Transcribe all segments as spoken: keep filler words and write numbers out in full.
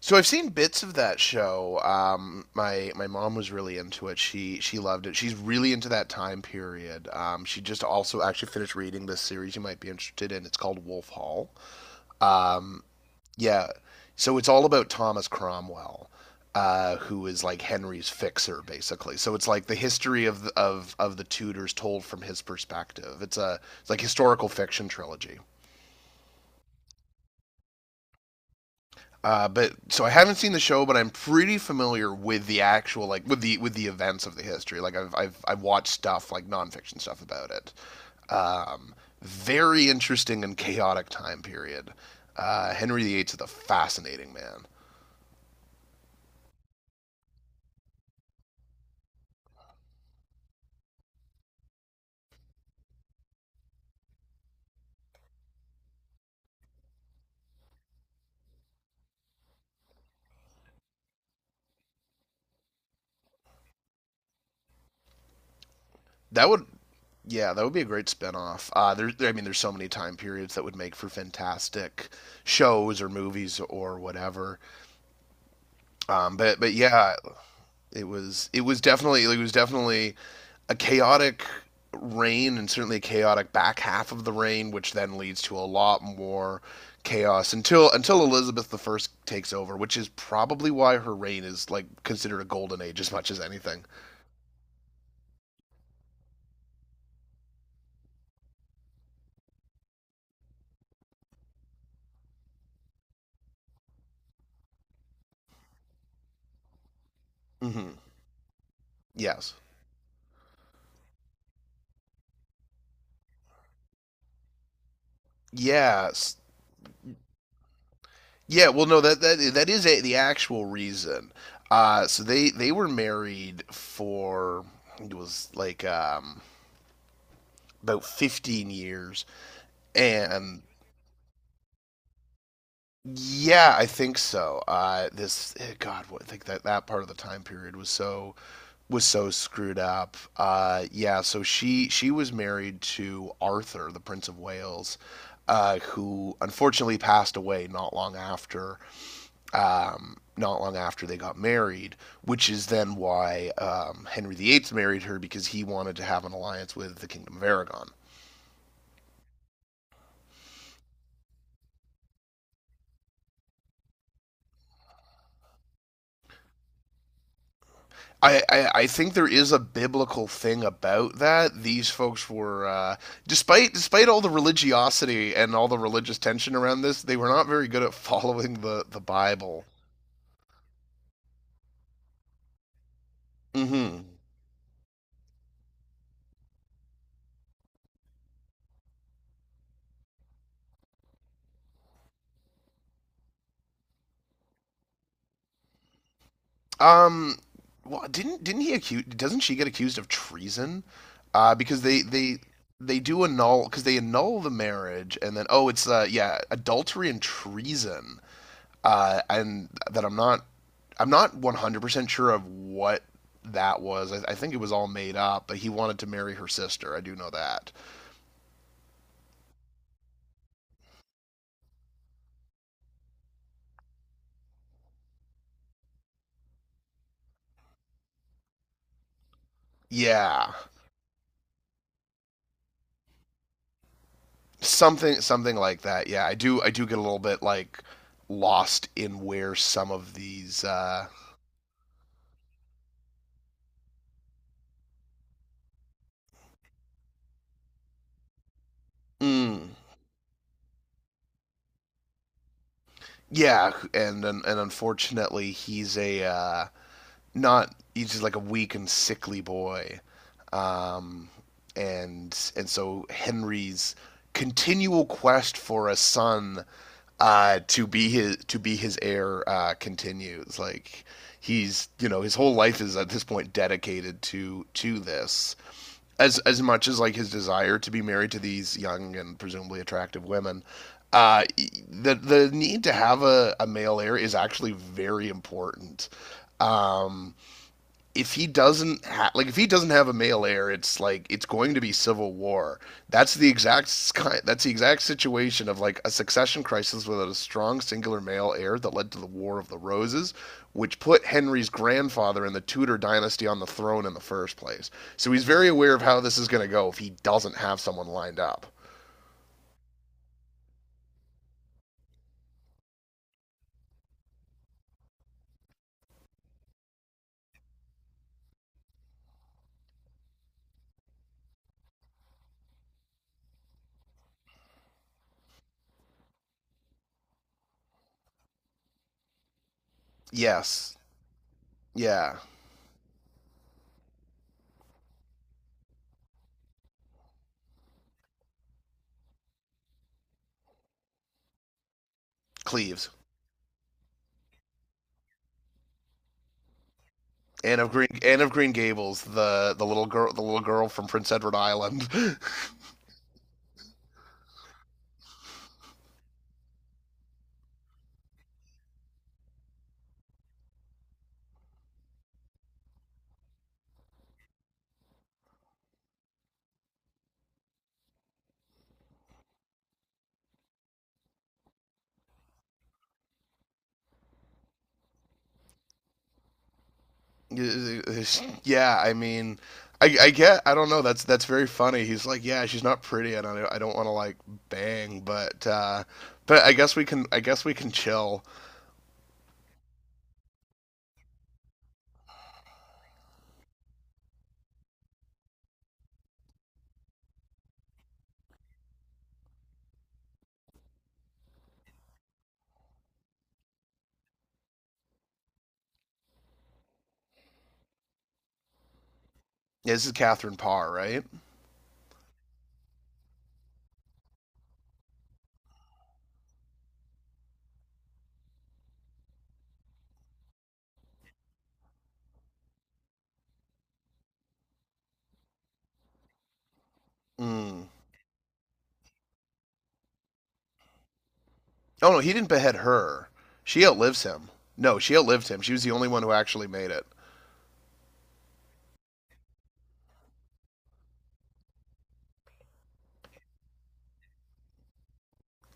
So I've seen bits of that show. Um, my my mom was really into it. She she loved it. She's really into that time period. Um, she just also actually finished reading this series you might be interested in. It's called Wolf Hall. Um, yeah. So it's all about Thomas Cromwell, uh, who is like Henry's fixer basically. So it's like the history of the, of of the Tudors told from his perspective. It's a it's like historical fiction trilogy. Uh, but so I haven't seen the show, but I'm pretty familiar with the actual like with the with the events of the history. Like I've I've I've watched stuff like nonfiction stuff about it. Um, Very interesting and chaotic time period. Uh, Henry the Eighth is a fascinating man. That would, yeah, that would be a great spinoff. Uh, there- I mean, there's so many time periods that would make for fantastic shows or movies or whatever. Um, but but yeah, It was it was definitely like, it was definitely a chaotic reign, and certainly a chaotic back half of the reign, which then leads to a lot more chaos until until Elizabeth the First takes over, which is probably why her reign is like considered a golden age as much as anything. Mm-hmm. Yes. Yes. Yeah. Well, no. That that that is a, the actual reason. Uh, so they they were married for it was like um, about fifteen years, and yeah, I think so. Uh, this eh, God, what, I think that that part of the time period was so was so screwed up. Uh, yeah, so she she was married to Arthur, the Prince of Wales, uh, who unfortunately passed away not long after um, not long after they got married, which is then why um, Henry the eighth married her because he wanted to have an alliance with the Kingdom of Aragon. I, I, I think there is a biblical thing about that. These folks were, uh, despite despite all the religiosity and all the religious tension around this, they were not very good at following the the Bible. Hmm. Um, well, didn't didn't he accuse? Doesn't she get accused of treason? Uh, because they they they do annul, because they annul the marriage, and then, oh, it's uh yeah, adultery and treason. Uh, and that I'm not, I'm not one hundred percent sure of what that was. I, I think it was all made up, but he wanted to marry her sister. I do know that. Yeah, something something like that. Yeah, I do I do get a little bit like lost in where some of these. Uh, mm, yeah, and and unfortunately, he's a uh, not. He's just like a weak and sickly boy. um, and and so Henry's continual quest for a son, uh, to be his to be his heir, uh, continues. Like, he's, you know, his whole life is at this point dedicated to to this as as much as like his desire to be married to these young and presumably attractive women. Uh, e, the the need to have a, a male heir is actually very important. Um, if he doesn't ha- like if he doesn't have a male heir, it's like it's going to be civil war. That's the exact sky- that's the exact situation of like a succession crisis without a strong singular male heir that led to the War of the Roses, which put Henry's grandfather in the Tudor dynasty on the throne in the first place. So he's very aware of how this is going to go if he doesn't have someone lined up. Yes. Yeah. Cleves. Anne of Green Anne of Green Gables, the the little girl the little girl from Prince Edward Island. Yeah, I mean, I, I get, I don't know. That's that's very funny. He's like, yeah, she's not pretty, and I, I don't want to like bang, but uh, but I guess we can, I guess we can chill. Yeah, this is Catherine Parr, right? Mm. Oh no, he didn't behead her. She outlives him. No, she outlived him. She was the only one who actually made it.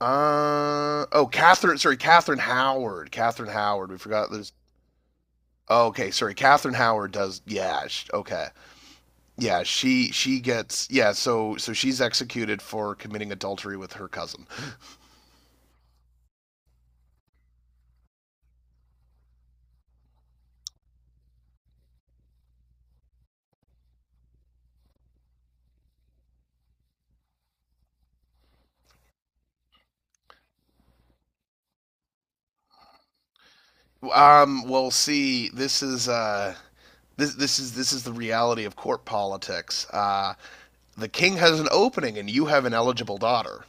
Uh oh, Catherine. Sorry, Catherine Howard. Catherine Howard. We forgot this. Oh, okay, sorry. Catherine Howard does. Yeah. sh Okay. Yeah, she she gets yeah. So so she's executed for committing adultery with her cousin. Um, well, see, this is uh. This, this is this is the reality of court politics. Uh, the king has an opening, and you have an eligible daughter.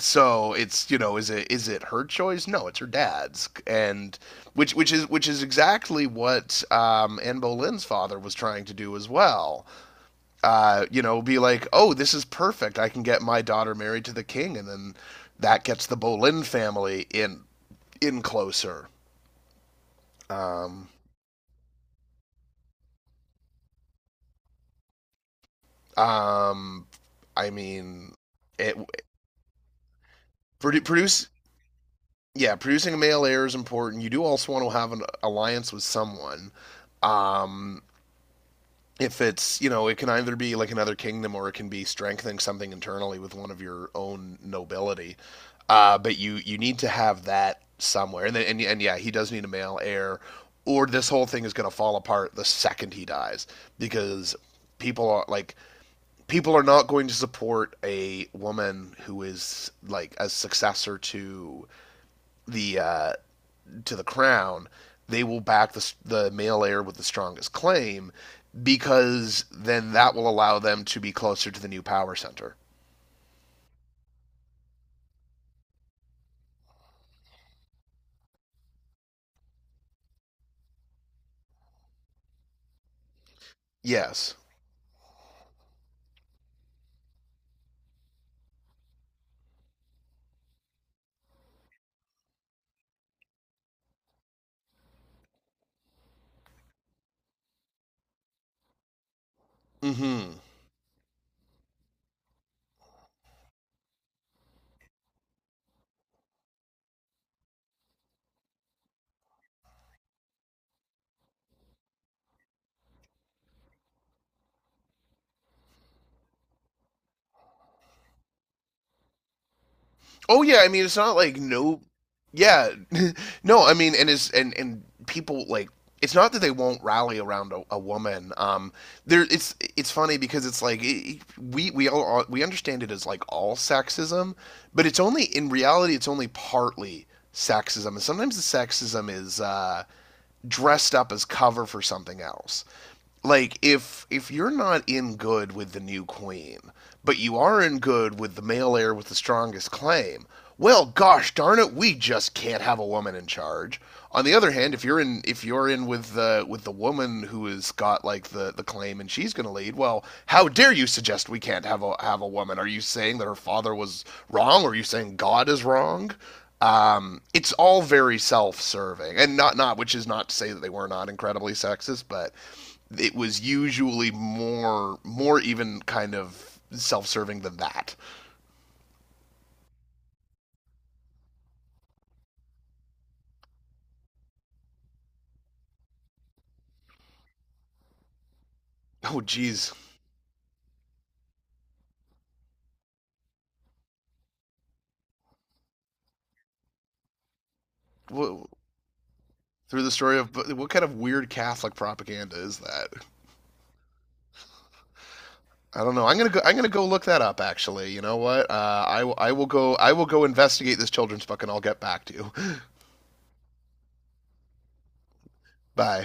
So it's, you know, is it is it her choice? No, it's her dad's, and which which is which is exactly what um, Anne Boleyn's father was trying to do as well. Uh, you know, be like, oh, this is perfect. I can get my daughter married to the king, and then that gets the Boleyn family in in closer. Um, um, I mean, it produce yeah, producing a male heir is important. You do also want to have an alliance with someone. Um, if it's, you know, it can either be like another kingdom or it can be strengthening something internally with one of your own nobility, uh, but you you need to have that somewhere, and then, and and yeah, he does need a male heir or this whole thing is going to fall apart the second he dies, because people are like, people are not going to support a woman who is like a successor to the uh to the crown. They will back the, the male heir with the strongest claim, because then that will allow them to be closer to the new power center. Yes. Mm hmm. Oh yeah, I mean it's not like, no, yeah. No, I mean, and is and and people like, it's not that they won't rally around a, a woman. Um, there, it's it's funny because it's like it, we we all uh, we understand it as like all sexism, but it's only in reality it's only partly sexism, and sometimes the sexism is uh, dressed up as cover for something else, like if if you're not in good with the new queen, but you are in good with the male heir with the strongest claim, well gosh darn it, we just can't have a woman in charge. On the other hand, if you're in if you're in with the with the woman who has got like the, the claim and she's going to lead, well, how dare you suggest we can't have a have a woman? Are you saying that her father was wrong? Or are you saying God is wrong? Um, it's all very self-serving, and not not which is not to say that they were not incredibly sexist, but it was usually more more even kind of self-serving than that. Oh geez. Wha- through the story of what kind of weird Catholic propaganda is that? I don't know. I'm gonna go. I'm gonna go look that up. Actually, you know what? Uh, I will- I will go. I will go investigate this children's book, and I'll get back to you. Bye.